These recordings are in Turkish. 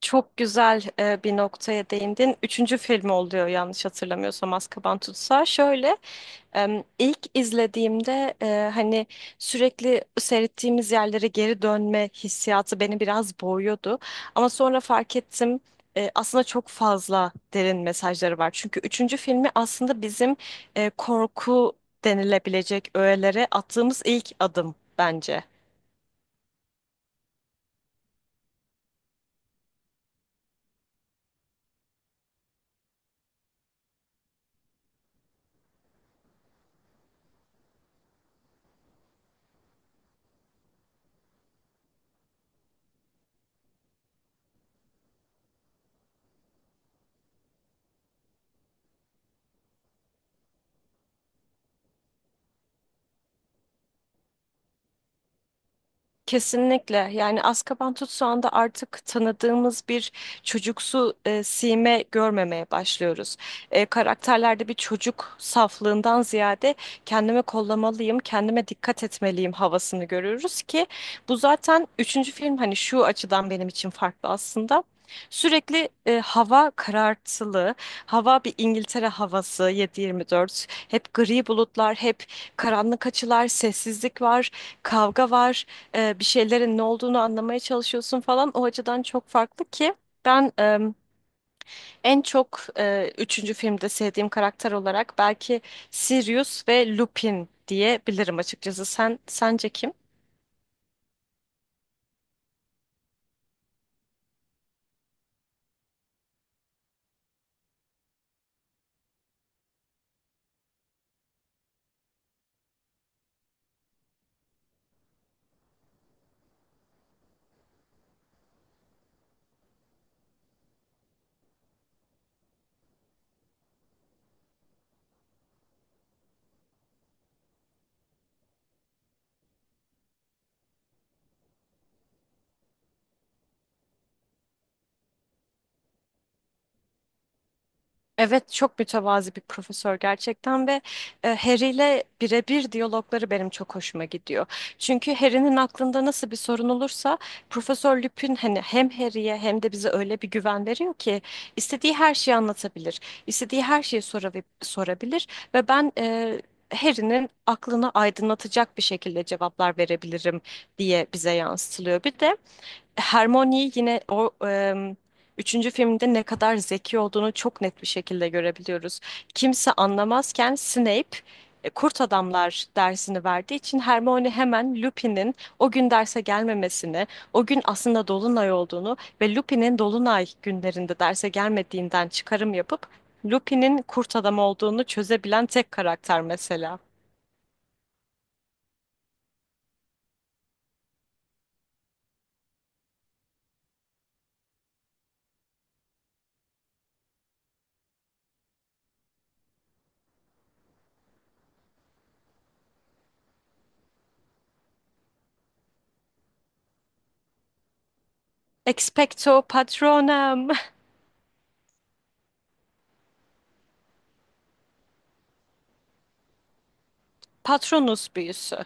Çok güzel bir noktaya değindin. Üçüncü filmi oluyor yanlış hatırlamıyorsam Azkaban Tutsağı. Şöyle ilk izlediğimde hani sürekli seyrettiğimiz yerlere geri dönme hissiyatı beni biraz boğuyordu. Ama sonra fark ettim aslında çok fazla derin mesajları var. Çünkü üçüncü filmi aslında bizim korku denilebilecek öğelere attığımız ilk adım bence. Kesinlikle yani Azkaban anda artık tanıdığımız bir çocuksu sime görmemeye başlıyoruz. Karakterlerde bir çocuk saflığından ziyade kendime kollamalıyım, kendime dikkat etmeliyim havasını görüyoruz ki bu zaten üçüncü film hani şu açıdan benim için farklı aslında. Sürekli hava karartılı, hava bir İngiltere havası 7-24. Hep gri bulutlar, hep karanlık açılar, sessizlik var, kavga var bir şeylerin ne olduğunu anlamaya çalışıyorsun falan. O açıdan çok farklı ki ben en çok üçüncü filmde sevdiğim karakter olarak belki Sirius ve Lupin diyebilirim açıkçası. Sen sence kim? Evet çok mütevazi bir profesör gerçekten ve Harry ile birebir diyalogları benim çok hoşuma gidiyor. Çünkü Harry'nin aklında nasıl bir sorun olursa Profesör Lupin hani hem Harry'ye hem de bize öyle bir güven veriyor ki istediği her şeyi anlatabilir. İstediği her şeyi sorabilir ve ben Harry'nin aklını aydınlatacak bir şekilde cevaplar verebilirim diye bize yansıtılıyor. Bir de Hermione yine o üçüncü filmde ne kadar zeki olduğunu çok net bir şekilde görebiliyoruz. Kimse anlamazken Snape Kurt Adamlar dersini verdiği için Hermione hemen Lupin'in o gün derse gelmemesini, o gün aslında Dolunay olduğunu ve Lupin'in Dolunay günlerinde derse gelmediğinden çıkarım yapıp Lupin'in Kurt Adam olduğunu çözebilen tek karakter mesela. Expecto Patronum, Patronus büyüsü.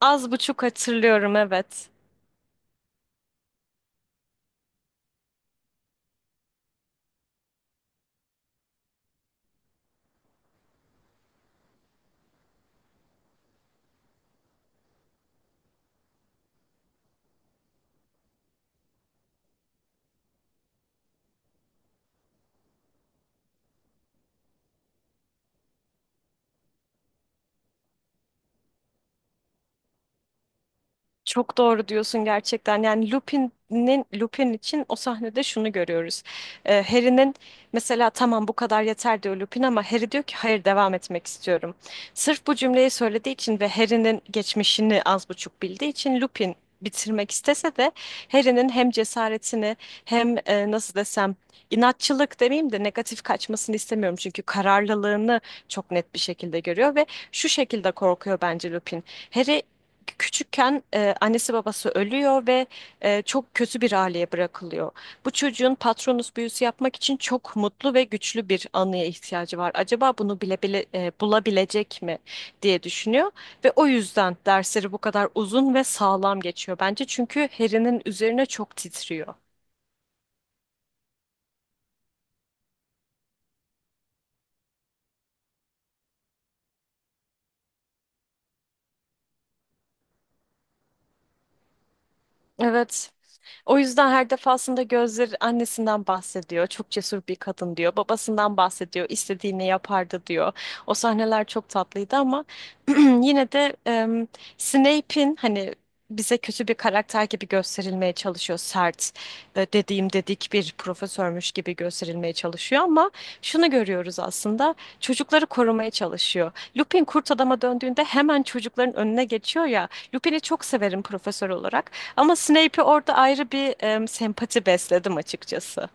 Az buçuk hatırlıyorum evet. Çok doğru diyorsun gerçekten. Yani Lupin için o sahnede şunu görüyoruz. Harry'nin mesela tamam bu kadar yeter diyor Lupin ama Harry diyor ki hayır devam etmek istiyorum. Sırf bu cümleyi söylediği için ve Harry'nin geçmişini az buçuk bildiği için Lupin bitirmek istese de Harry'nin hem cesaretini hem nasıl desem inatçılık demeyeyim de negatif kaçmasını istemiyorum çünkü kararlılığını çok net bir şekilde görüyor ve şu şekilde korkuyor bence Lupin. Harry küçükken annesi babası ölüyor ve çok kötü bir aileye bırakılıyor. Bu çocuğun Patronus büyüsü yapmak için çok mutlu ve güçlü bir anıya ihtiyacı var. Acaba bunu bile bile bulabilecek mi diye düşünüyor ve o yüzden dersleri bu kadar uzun ve sağlam geçiyor bence çünkü Harry'nin üzerine çok titriyor. Evet. O yüzden her defasında gözleri annesinden bahsediyor. Çok cesur bir kadın diyor. Babasından bahsediyor. İstediğini yapardı diyor. O sahneler çok tatlıydı ama yine de Snape'in hani bize kötü bir karakter gibi gösterilmeye çalışıyor. Sert, dediğim dedik bir profesörmüş gibi gösterilmeye çalışıyor ama şunu görüyoruz aslında. Çocukları korumaya çalışıyor. Lupin kurt adama döndüğünde hemen çocukların önüne geçiyor ya. Lupin'i çok severim profesör olarak. Ama Snape'e orada ayrı bir sempati besledim açıkçası.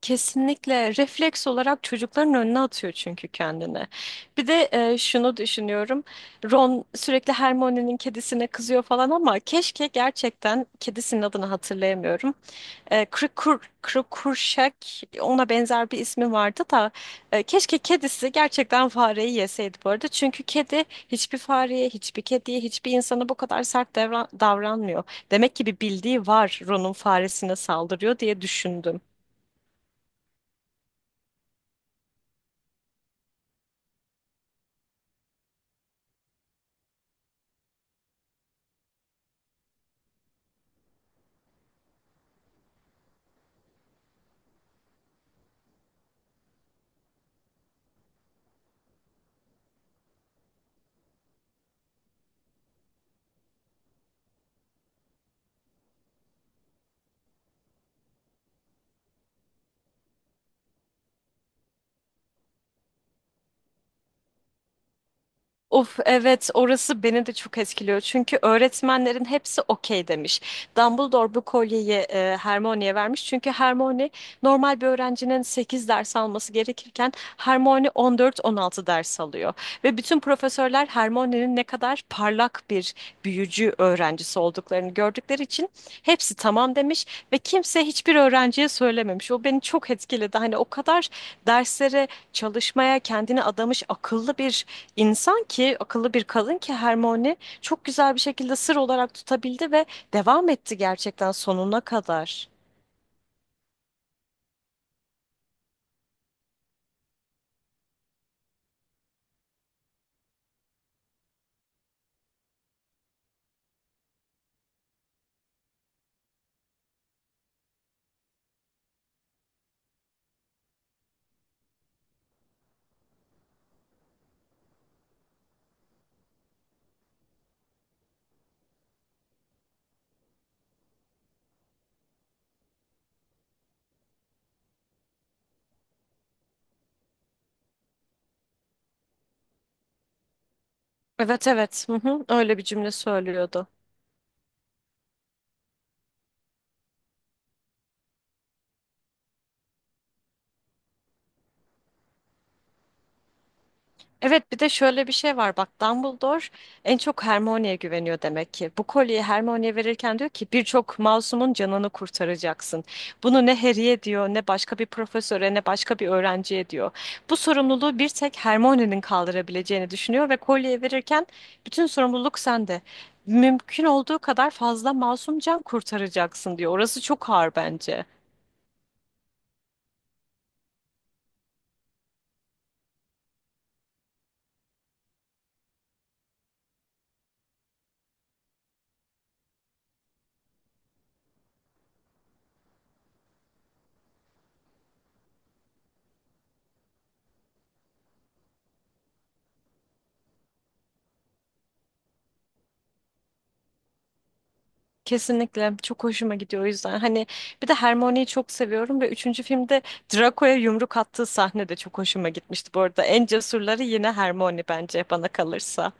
Kesinlikle refleks olarak çocukların önüne atıyor çünkü kendini. Bir de şunu düşünüyorum. Ron sürekli Hermione'nin kedisine kızıyor falan ama keşke gerçekten kedisinin adını hatırlayamıyorum. Krikur, Krikurşak ona benzer bir ismi vardı da keşke kedisi gerçekten fareyi yeseydi bu arada. Çünkü kedi hiçbir fareye, hiçbir kediye, hiçbir insana bu kadar sert davranmıyor. Demek ki bir bildiği var Ron'un faresine saldırıyor diye düşündüm. Of, evet, orası beni de çok etkiliyor. Çünkü öğretmenlerin hepsi okey demiş. Dumbledore bu kolyeyi Hermione'ye vermiş. Çünkü Hermione normal bir öğrencinin 8 ders alması gerekirken Hermione 14-16 ders alıyor. Ve bütün profesörler Hermione'nin ne kadar parlak bir büyücü öğrencisi olduklarını gördükleri için hepsi tamam demiş ve kimse hiçbir öğrenciye söylememiş. O beni çok etkiledi. Hani o kadar derslere çalışmaya kendini adamış akıllı bir insan ki, akıllı bir kadın ki Hermione çok güzel bir şekilde sır olarak tutabildi ve devam etti gerçekten sonuna kadar. Evet, evet, hı hı, öyle bir cümle söylüyordu. Evet, bir de şöyle bir şey var bak, Dumbledore en çok Hermione'ye güveniyor demek ki. Bu kolyeyi Hermione'ye verirken diyor ki birçok masumun canını kurtaracaksın. Bunu ne Harry'e diyor, ne başka bir profesöre, ne başka bir öğrenciye diyor. Bu sorumluluğu bir tek Hermione'nin kaldırabileceğini düşünüyor ve kolyeyi verirken bütün sorumluluk sende. Mümkün olduğu kadar fazla masum can kurtaracaksın diyor. Orası çok ağır bence. Kesinlikle çok hoşuma gidiyor o yüzden. Hani bir de Hermione'yi çok seviyorum ve üçüncü filmde Draco'ya yumruk attığı sahne de çok hoşuma gitmişti bu arada. En cesurları yine Hermione bence bana kalırsa.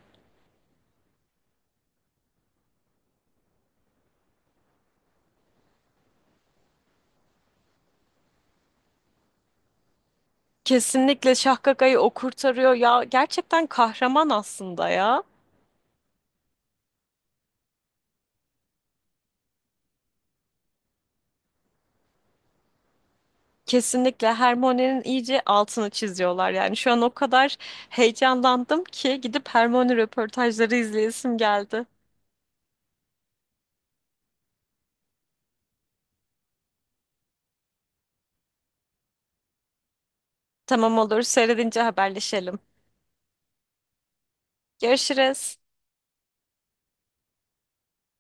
Kesinlikle Şahkaka'yı o kurtarıyor ya. Gerçekten kahraman aslında ya. Kesinlikle Hermione'nin iyice altını çiziyorlar. Yani şu an o kadar heyecanlandım ki gidip Hermione röportajları izleyesim geldi. Tamam, olur, seyredince haberleşelim. Görüşürüz.